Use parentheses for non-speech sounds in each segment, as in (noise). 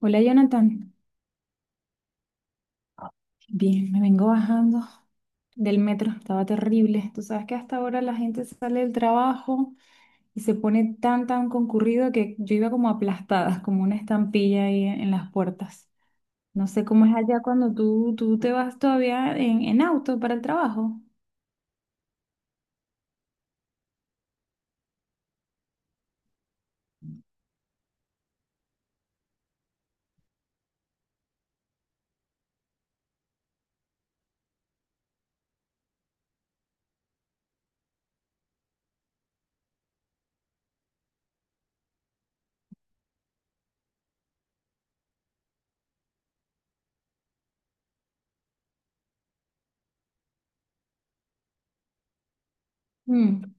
Hola Jonathan, bien, me vengo bajando del metro, estaba terrible. Tú sabes que hasta ahora la gente sale del trabajo y se pone tan concurrido que yo iba como aplastada, como una estampilla ahí en las puertas. No sé cómo es allá cuando tú te vas todavía en auto para el trabajo. Mm,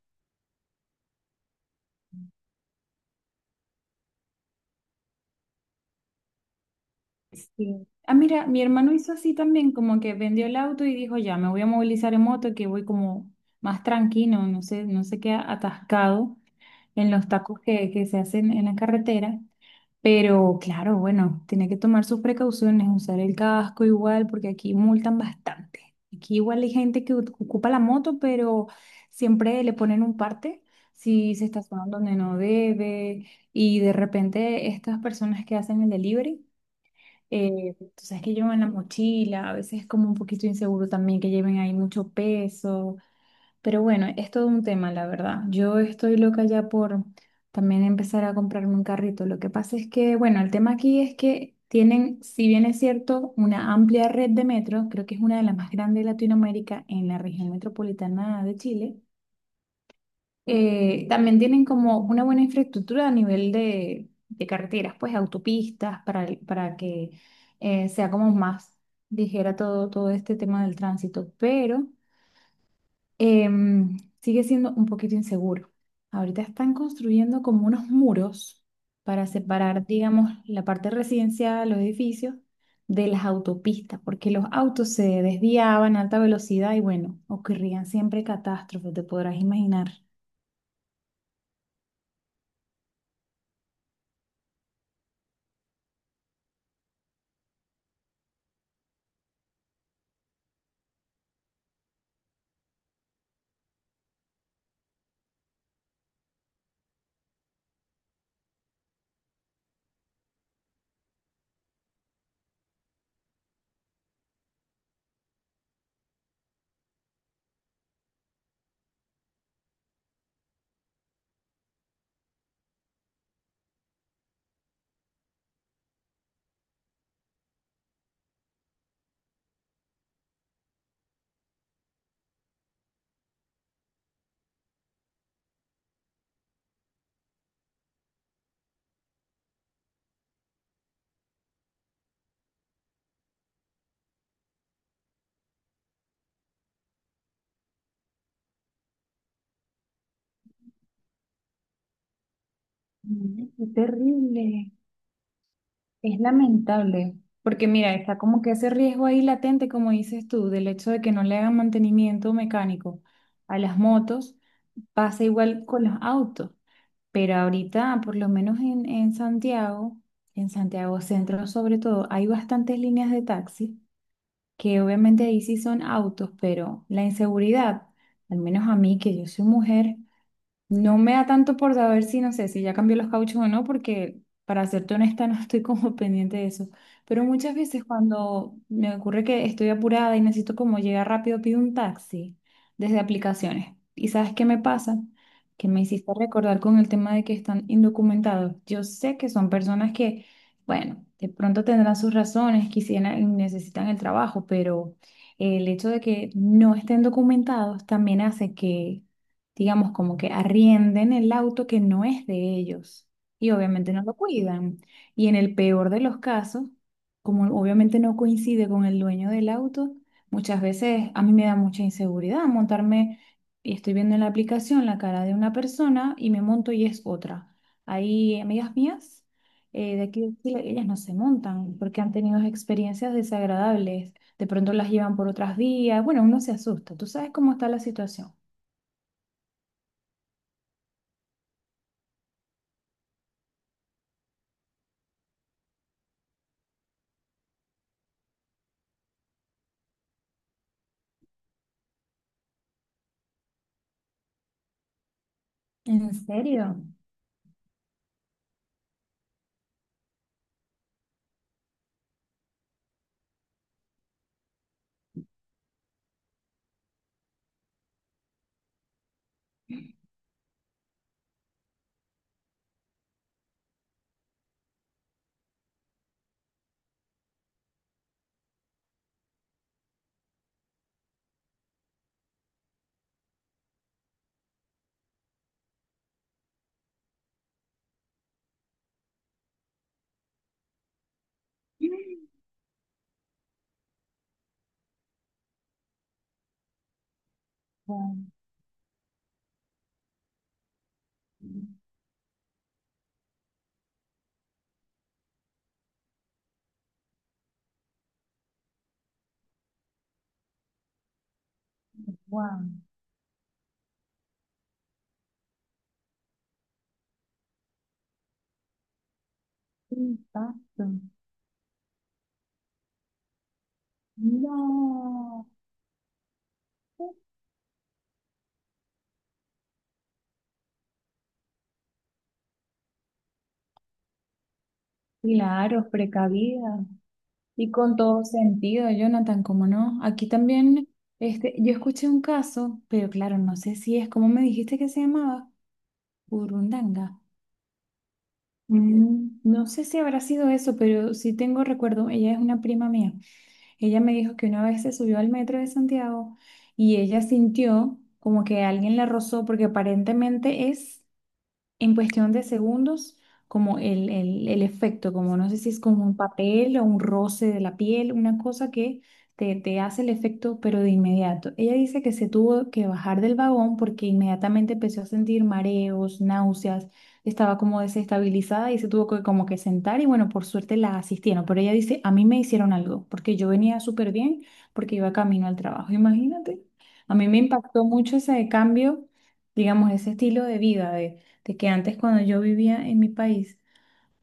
sí. Ah, mira, mi hermano hizo así también, como que vendió el auto y dijo, ya, me voy a movilizar en moto, que voy como más tranquilo, no sé, no sé qué atascado en los tacos que se hacen en la carretera. Pero claro, bueno, tiene que tomar sus precauciones, usar el casco igual, porque aquí multan bastante. Aquí igual hay gente que ocupa la moto, pero siempre le ponen un parte si se estaciona donde no debe. Y de repente estas personas que hacen el delivery, tú sabes que llevan la mochila, a veces es como un poquito inseguro también que lleven ahí mucho peso. Pero bueno, es todo un tema, la verdad. Yo estoy loca ya por también empezar a comprarme un carrito. Lo que pasa es que, bueno, el tema aquí es que tienen, si bien es cierto, una amplia red de metros, creo que es una de las más grandes de Latinoamérica en la región metropolitana de Chile, también tienen como una buena infraestructura a nivel de carreteras, pues autopistas, para que sea como más ligera todo, todo este tema del tránsito. Pero sigue siendo un poquito inseguro. Ahorita están construyendo como unos muros para separar, digamos, la parte residencial, los edificios, de las autopistas, porque los autos se desviaban a alta velocidad y bueno, ocurrían siempre catástrofes, te podrás imaginar. Mm, qué terrible, es lamentable, porque mira, está como que ese riesgo ahí latente, como dices tú, del hecho de que no le hagan mantenimiento mecánico a las motos, pasa igual con los autos. Pero ahorita, por lo menos en Santiago, en Santiago Centro sobre todo, hay bastantes líneas de taxi, que obviamente ahí sí son autos, pero la inseguridad, al menos a mí, que yo soy mujer, no me da tanto por saber si, no sé, si ya cambió los cauchos o no, porque para serte honesta (laughs) no estoy como (laughs) pendiente de eso. Pero muchas veces cuando me ocurre que estoy apurada y necesito como llegar rápido, pido un taxi desde aplicaciones. ¿Y sabes qué me pasa? Que me hiciste recordar con el tema de que están indocumentados. Yo sé que son personas que, bueno, de pronto tendrán sus razones, quisieran, necesitan el trabajo, pero el hecho de que no estén documentados también hace que digamos, como que arrienden el auto que no es de ellos y obviamente no lo cuidan. Y en el peor de los casos, como obviamente no coincide con el dueño del auto, muchas veces a mí me da mucha inseguridad montarme y estoy viendo en la aplicación la cara de una persona y me monto y es otra. Hay amigas mías de aquí de Chile, ellas no se montan porque han tenido experiencias desagradables. De pronto las llevan por otras vías. Bueno, uno se asusta. ¿Tú sabes cómo está la situación? ¿En serio? Wow, wow, qué impacto. No, claro, precavida. Y con todo sentido, Jonathan, ¿cómo no? Aquí también, este, yo escuché un caso, pero claro, no sé si es, ¿como me dijiste que se llamaba? Burundanga. Mm, no sé si habrá sido eso, pero sí tengo recuerdo, ella es una prima mía. Ella me dijo que una vez se subió al metro de Santiago y ella sintió como que alguien la rozó porque aparentemente es en cuestión de segundos, como el efecto, como no sé si es como un papel o un roce de la piel, una cosa que te hace el efecto, pero de inmediato. Ella dice que se tuvo que bajar del vagón porque inmediatamente empezó a sentir mareos, náuseas, estaba como desestabilizada y se tuvo que como que sentar y bueno, por suerte la asistieron, pero ella dice, a mí me hicieron algo, porque yo venía súper bien, porque iba camino al trabajo, imagínate. A mí me impactó mucho ese cambio digamos, ese estilo de vida, de que antes cuando yo vivía en mi país,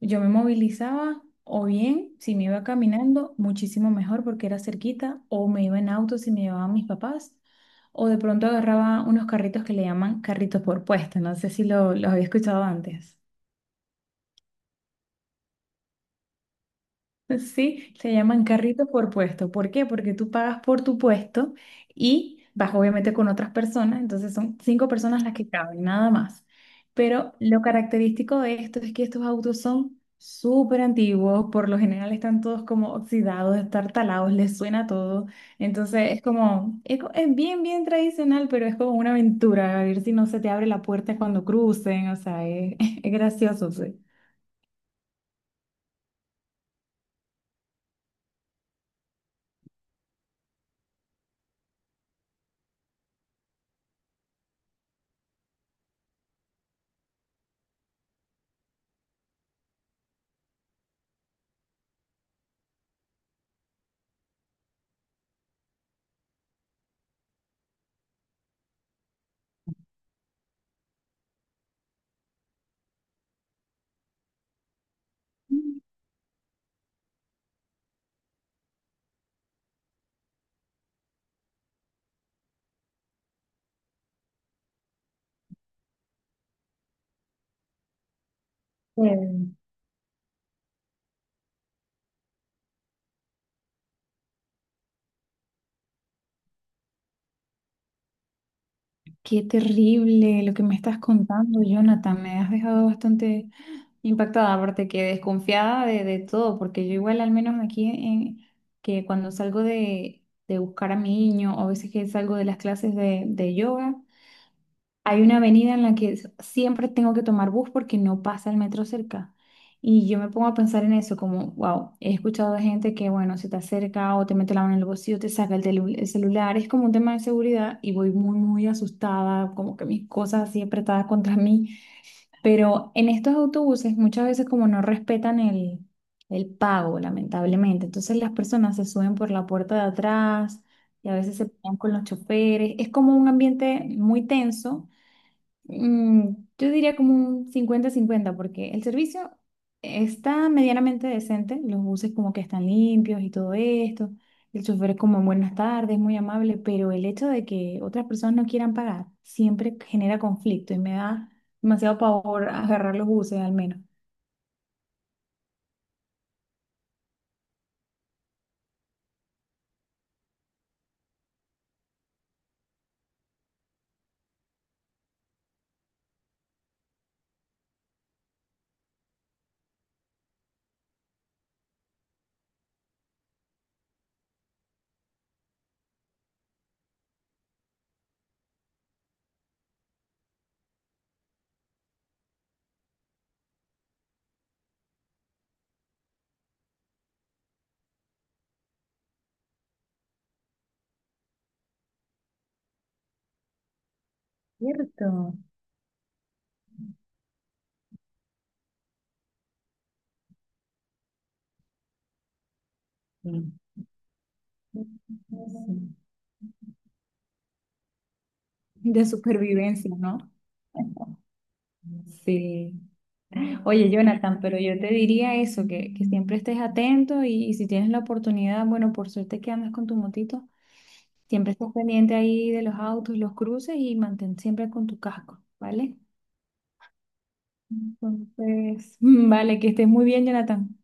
yo me movilizaba o bien si me iba caminando, muchísimo mejor porque era cerquita, o me iba en auto si me llevaban mis papás, o de pronto agarraba unos carritos que le llaman carritos por puesta, no sé si lo, los había escuchado antes. Sí, se llaman carritos por puesto. ¿Por qué? Porque tú pagas por tu puesto y vas obviamente con otras personas, entonces son cinco personas las que caben, nada más. Pero lo característico de esto es que estos autos son súper antiguos, por lo general están todos como oxidados, estartalados, les suena todo. Entonces es como, es, es bien, bien tradicional, pero es como una aventura, a ver si no se te abre la puerta cuando crucen, o sea, es, (laughs) es gracioso, sí. Sí. Qué terrible lo que me estás contando, Jonathan. Me has dejado bastante impactada, aparte que desconfiada de todo, porque yo igual al menos aquí en, que cuando salgo de buscar a mi niño o a veces que salgo de las clases de yoga, hay una avenida en la que siempre tengo que tomar bus porque no pasa el metro cerca. Y yo me pongo a pensar en eso, como, wow, he escuchado de gente que, bueno, se te acerca o te mete la mano en el bolsillo, te saca el, el celular, es como un tema de seguridad y voy muy asustada, como que mis cosas así apretadas contra mí. Pero en estos autobuses muchas veces como no respetan el pago, lamentablemente. Entonces las personas se suben por la puerta de atrás y a veces se pelean con los choferes. Es como un ambiente muy tenso. Mm, yo diría como un 50-50 porque el servicio está medianamente decente, los buses como que están limpios y todo esto, el chofer es como buenas tardes, muy amable, pero el hecho de que otras personas no quieran pagar siempre genera conflicto y me da demasiado pavor agarrar los buses al menos. Cierto. Sí. Sí. De supervivencia, ¿no? (laughs) Sí. Oye, Jonathan, pero yo te diría eso, que siempre estés atento y si tienes la oportunidad, bueno, por suerte que andas con tu motito, siempre estés pendiente ahí de los autos, los cruces y mantén siempre con tu casco, ¿vale? Entonces, (laughs) vale, que estés muy bien, Jonathan.